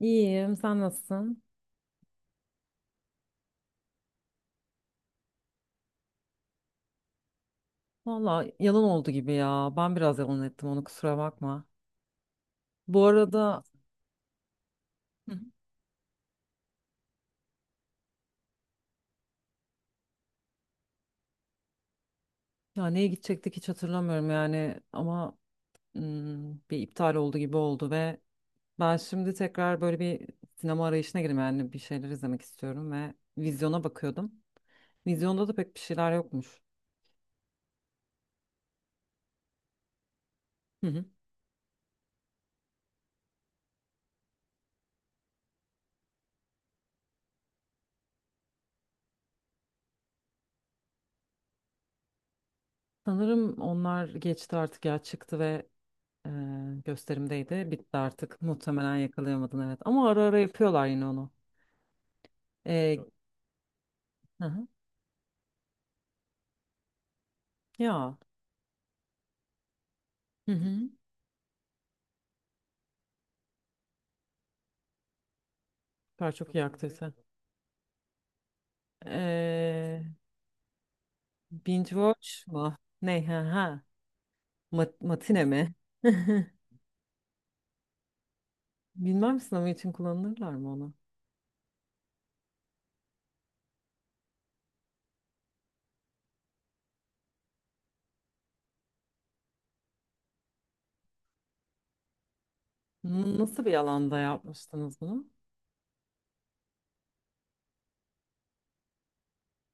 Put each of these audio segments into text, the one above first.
İyiyim, sen nasılsın? Valla yalan oldu gibi ya. Ben biraz yalan ettim onu, kusura bakma. Bu arada. Hı. Ya, neye gidecektik hiç hatırlamıyorum yani, ama bir iptal oldu gibi oldu ve ben şimdi tekrar böyle bir sinema arayışına girdim, yani bir şeyler izlemek istiyorum ve vizyona bakıyordum. Vizyonda da pek bir şeyler yokmuş. Hı hı. Sanırım onlar geçti artık, ya çıktı ve e, gösterimdeydi. Bitti artık. Muhtemelen yakalayamadın, evet. Ama ara ara yapıyorlar yine onu. E, Evet. Ya. Hı hı. Süper, çok iyi aktivite. Ee, binge watch mu? Ne? Ha, ha. Matine mi? Bilmem sınavı için kullanırlar mı onu? Nasıl bir alanda yapmıştınız bunu?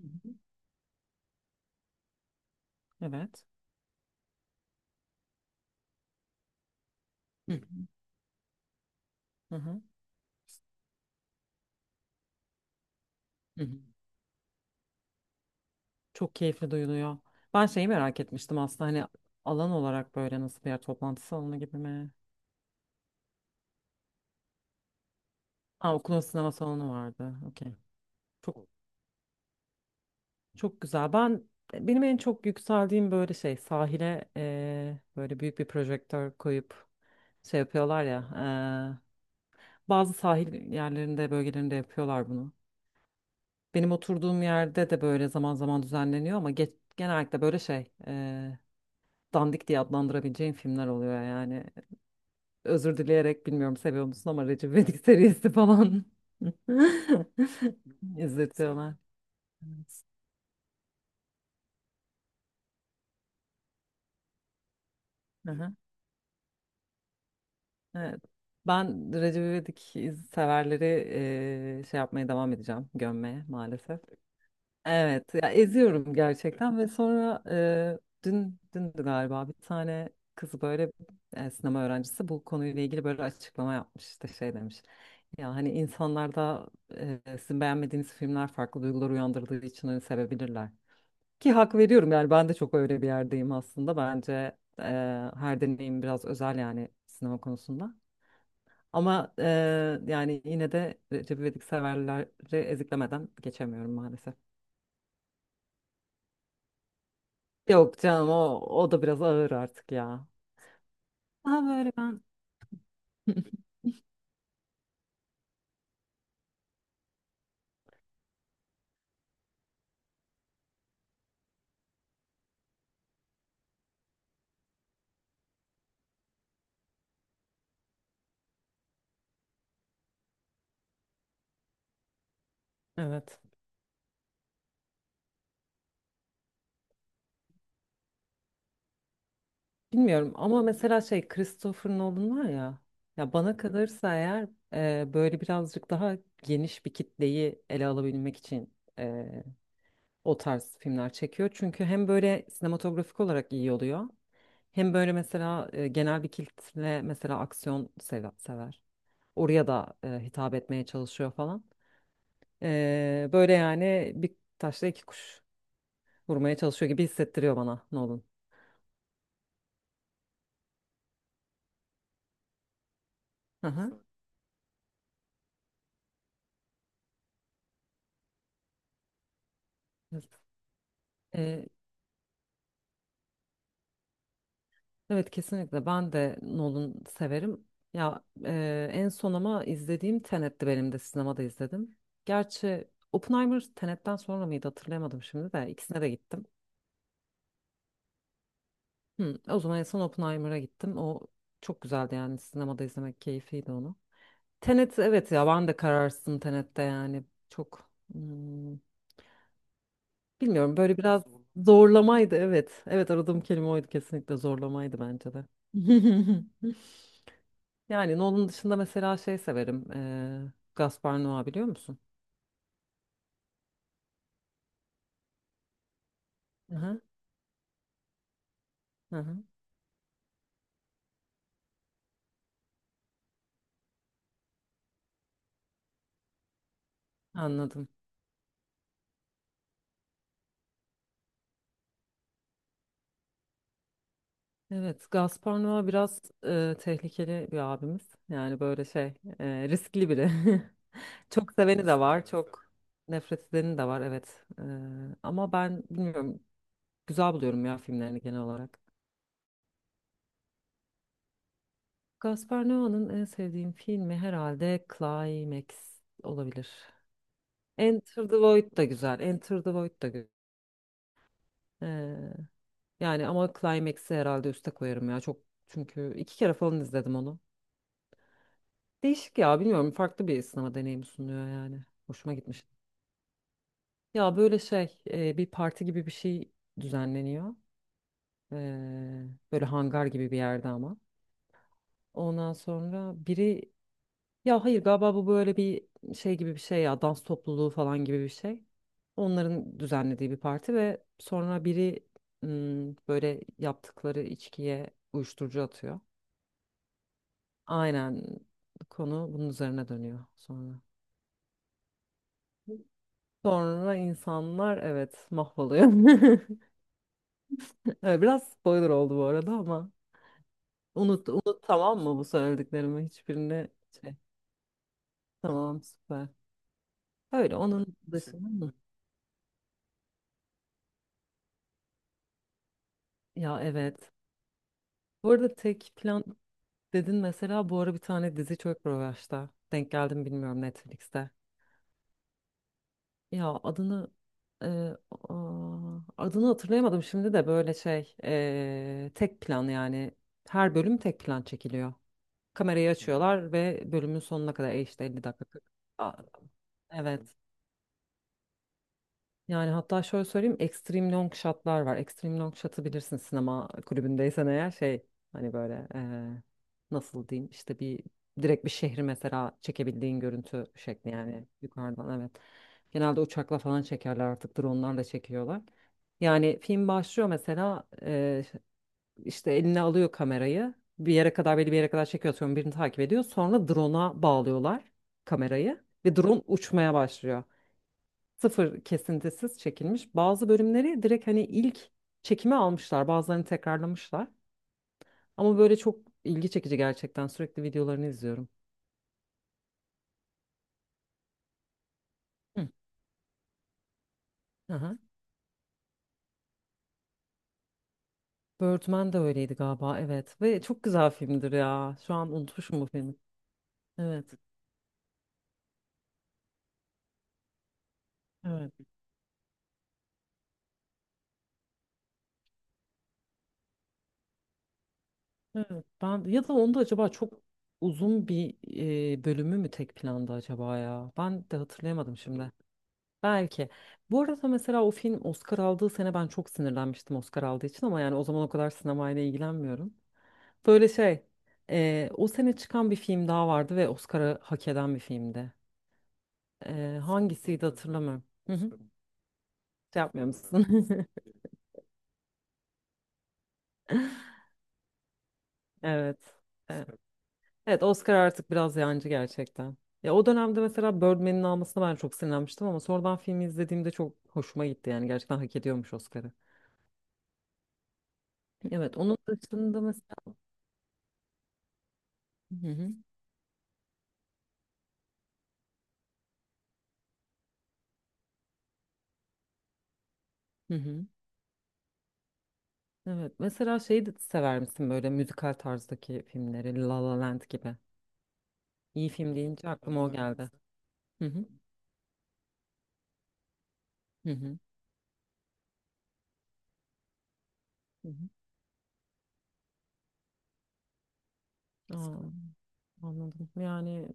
Hı hı. Evet. Hı hı. Hı hı. Hı hı. Çok keyifli duyuluyor. Ben şeyi merak etmiştim aslında, hani alan olarak böyle nasıl bir yer, toplantı salonu gibi mi? Ha, okulun sinema salonu vardı. Okey. Çok, çok güzel. Ben benim en çok yükseldiğim böyle şey, sahile böyle büyük bir projektör koyup şey yapıyorlar ya. Bazı sahil yerlerinde, bölgelerinde yapıyorlar bunu. Benim oturduğum yerde de böyle zaman zaman düzenleniyor, ama genellikle böyle şey, dandik diye adlandırabileceğim filmler oluyor yani. Özür dileyerek, bilmiyorum seviyor musun, ama Recep İvedik serisi falan izletiyorlar. Evet. Evet. Evet. Ben Recep İvedik severleri şey yapmaya devam edeceğim. Gömmeye, maalesef. Evet. Ya, eziyorum gerçekten ve sonra dün dündü galiba bir tane kız böyle, sinema öğrencisi, bu konuyla ilgili böyle açıklama yapmış. İşte şey demiş. Ya hani insanlarda, sizin beğenmediğiniz filmler farklı duygular uyandırdığı için hani sevebilirler. Ki hak veriyorum yani, ben de çok öyle bir yerdeyim aslında. Bence e, her deneyim biraz özel, yani sinema konusunda. Ama yani yine de Recep İvedik severleri eziklemeden geçemiyorum maalesef. Yok canım, o da biraz ağır artık ya. Daha böyle ben. Evet. Bilmiyorum, ama mesela şey, Christopher Nolan var ya, ya bana kalırsa eğer böyle birazcık daha geniş bir kitleyi ele alabilmek için e, o tarz filmler çekiyor. Çünkü hem böyle sinematografik olarak iyi oluyor, hem böyle mesela genel bir kitle mesela aksiyon sever. Oraya da hitap etmeye çalışıyor falan. Böyle yani, bir taşla iki kuş vurmaya çalışıyor gibi hissettiriyor bana Nolan. Hı hı. Evet. Evet, kesinlikle ben de Nolan severim. Ya, en son ama izlediğim Tenet'ti, benim de sinemada izledim. Gerçi Oppenheimer Tenet'ten sonra mıydı, hatırlayamadım şimdi de ikisine de gittim. Hı, o zaman en son Oppenheimer'a gittim. O çok güzeldi yani, sinemada izlemek keyifliydi onu. Tenet, evet ya, ben de kararsızım Tenet'te yani çok bilmiyorum, böyle biraz zorlamaydı, evet. Evet, aradığım kelime oydu, kesinlikle zorlamaydı bence de. Yani Nolan dışında mesela şey severim. Gaspar Noé biliyor musun? Hı hı. Hı hı. Anladım. Evet, Gaspar Noé biraz tehlikeli bir abimiz. Yani böyle şey, riskli biri. Çok seveni de var, evet. Çok nefret edeni de var, evet. Ama ben bilmiyorum, güzel buluyorum ya filmlerini genel olarak. Gaspar Noé'nin en sevdiğim filmi herhalde Climax olabilir. Enter the Void da güzel, Enter the Void da güzel. Yani ama Climax'i herhalde üste koyarım ya. Çok, çünkü iki kere falan izledim onu. Değişik ya, bilmiyorum, farklı bir sinema deneyimi sunuyor yani. Hoşuma gitmiş. Ya böyle şey, bir parti gibi bir şey düzenleniyor. Ee, böyle hangar gibi bir yerde ama. Ondan sonra biri, ya hayır, galiba bu böyle bir şey gibi bir şey ya, dans topluluğu falan gibi bir şey. Onların düzenlediği bir parti ve sonra biri böyle yaptıkları içkiye uyuşturucu atıyor. Aynen, konu bunun üzerine dönüyor sonra. Sonra insanlar, evet, mahvoluyor. Evet, biraz spoiler oldu bu arada, ama unut unut tamam mı, bu söylediklerimi hiçbirini şey, tamam, süper. Öyle, onun dışında mı? Ya, evet. Bu arada tek plan dedin, mesela bu ara bir tane dizi çok revaçta. Denk geldim, bilmiyorum, Netflix'te. Ya adını e, adını hatırlayamadım şimdi de böyle şey, tek plan yani her bölüm tek plan çekiliyor. Kamerayı açıyorlar ve bölümün sonuna kadar işte 50 dakika. 40. Aa, evet. Yani hatta şöyle söyleyeyim, extreme long shot'lar var. Extreme long shot'ı bilirsin sinema kulübündeysen eğer, şey, hani böyle nasıl diyeyim, işte bir direkt bir şehri mesela çekebildiğin görüntü şekli yani, yukarıdan, evet. Genelde uçakla falan çekerler, artık drone'larla çekiyorlar. Yani film başlıyor mesela, işte eline alıyor kamerayı, bir yere kadar belli bir yere kadar çekiyor, sonra birini takip ediyor, sonra drone'a bağlıyorlar kamerayı ve drone uçmaya başlıyor, sıfır kesintisiz çekilmiş. Bazı bölümleri direkt hani ilk çekime almışlar, bazılarını tekrarlamışlar. Ama böyle çok ilgi çekici gerçekten. Sürekli videolarını izliyorum. Hı. Aha. Birdman de öyleydi galiba, evet. Ve çok güzel filmdir ya. Şu an unutmuşum bu filmi. Evet, evet, evet. Ben ya da onda acaba çok uzun bir bölümü mü tek planda acaba ya? Ben de hatırlayamadım şimdi. Belki. Bu arada mesela o film Oscar aldığı sene ben çok sinirlenmiştim Oscar aldığı için, ama yani o zaman o kadar sinemayla ilgilenmiyorum. Böyle şey, o sene çıkan bir film daha vardı ve Oscar'ı hak eden bir filmdi. Hangisiydi hatırlamıyorum. Hı hı. Şey yapmıyor musun? Evet. E, Evet, Oscar artık biraz yancı gerçekten. Ya o dönemde mesela Birdman'in almasına ben çok sinirlenmiştim, ama sonradan filmi izlediğimde çok hoşuma gitti yani, gerçekten hak ediyormuş Oscar'ı. Evet, onun dışında mesela. Hı hı. Hı hı. Evet. Mesela şeyi de sever misin, böyle müzikal tarzdaki filmleri, La La Land gibi. İyi film deyince aklıma o geldi. Hı hı. Hı hı. Hı hı. Aa, anladım. Yani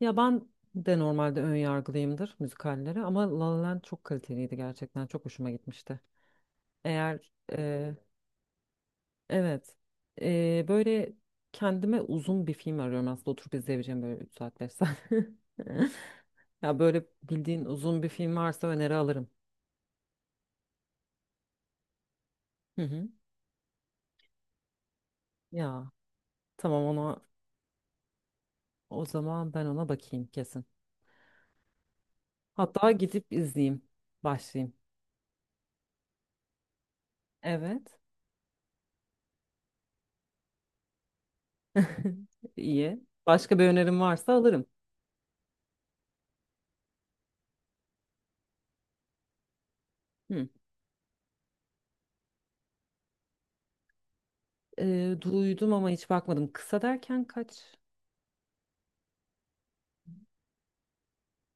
ya ben de normalde ön yargılıyımdır müzikallere, ama La La Land çok kaliteliydi gerçekten. Çok hoşuma gitmişti. Eğer evet böyle kendime uzun bir film arıyorum aslında, oturup izleyebileceğim böyle 3 saat 5 saat. Ya böyle bildiğin uzun bir film varsa öneri alırım. Hı hı. Ya. Tamam, ona o zaman ben ona bakayım kesin. Hatta gidip izleyeyim. Başlayayım. Evet. İyi. Başka bir önerim varsa alırım. Hı. Duydum ama hiç bakmadım. Kısa derken kaç?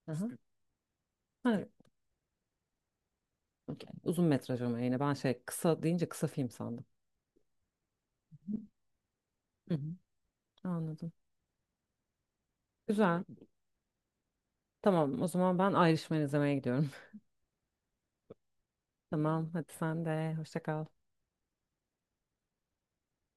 Aha. Ha, okey. Uzun metraj, ama yine ben şey, kısa deyince kısa film sandım. Hı hı. Anladım. Güzel. Tamam o zaman ben Irishman izlemeye gidiyorum. Tamam, hadi sen de hoşça kal.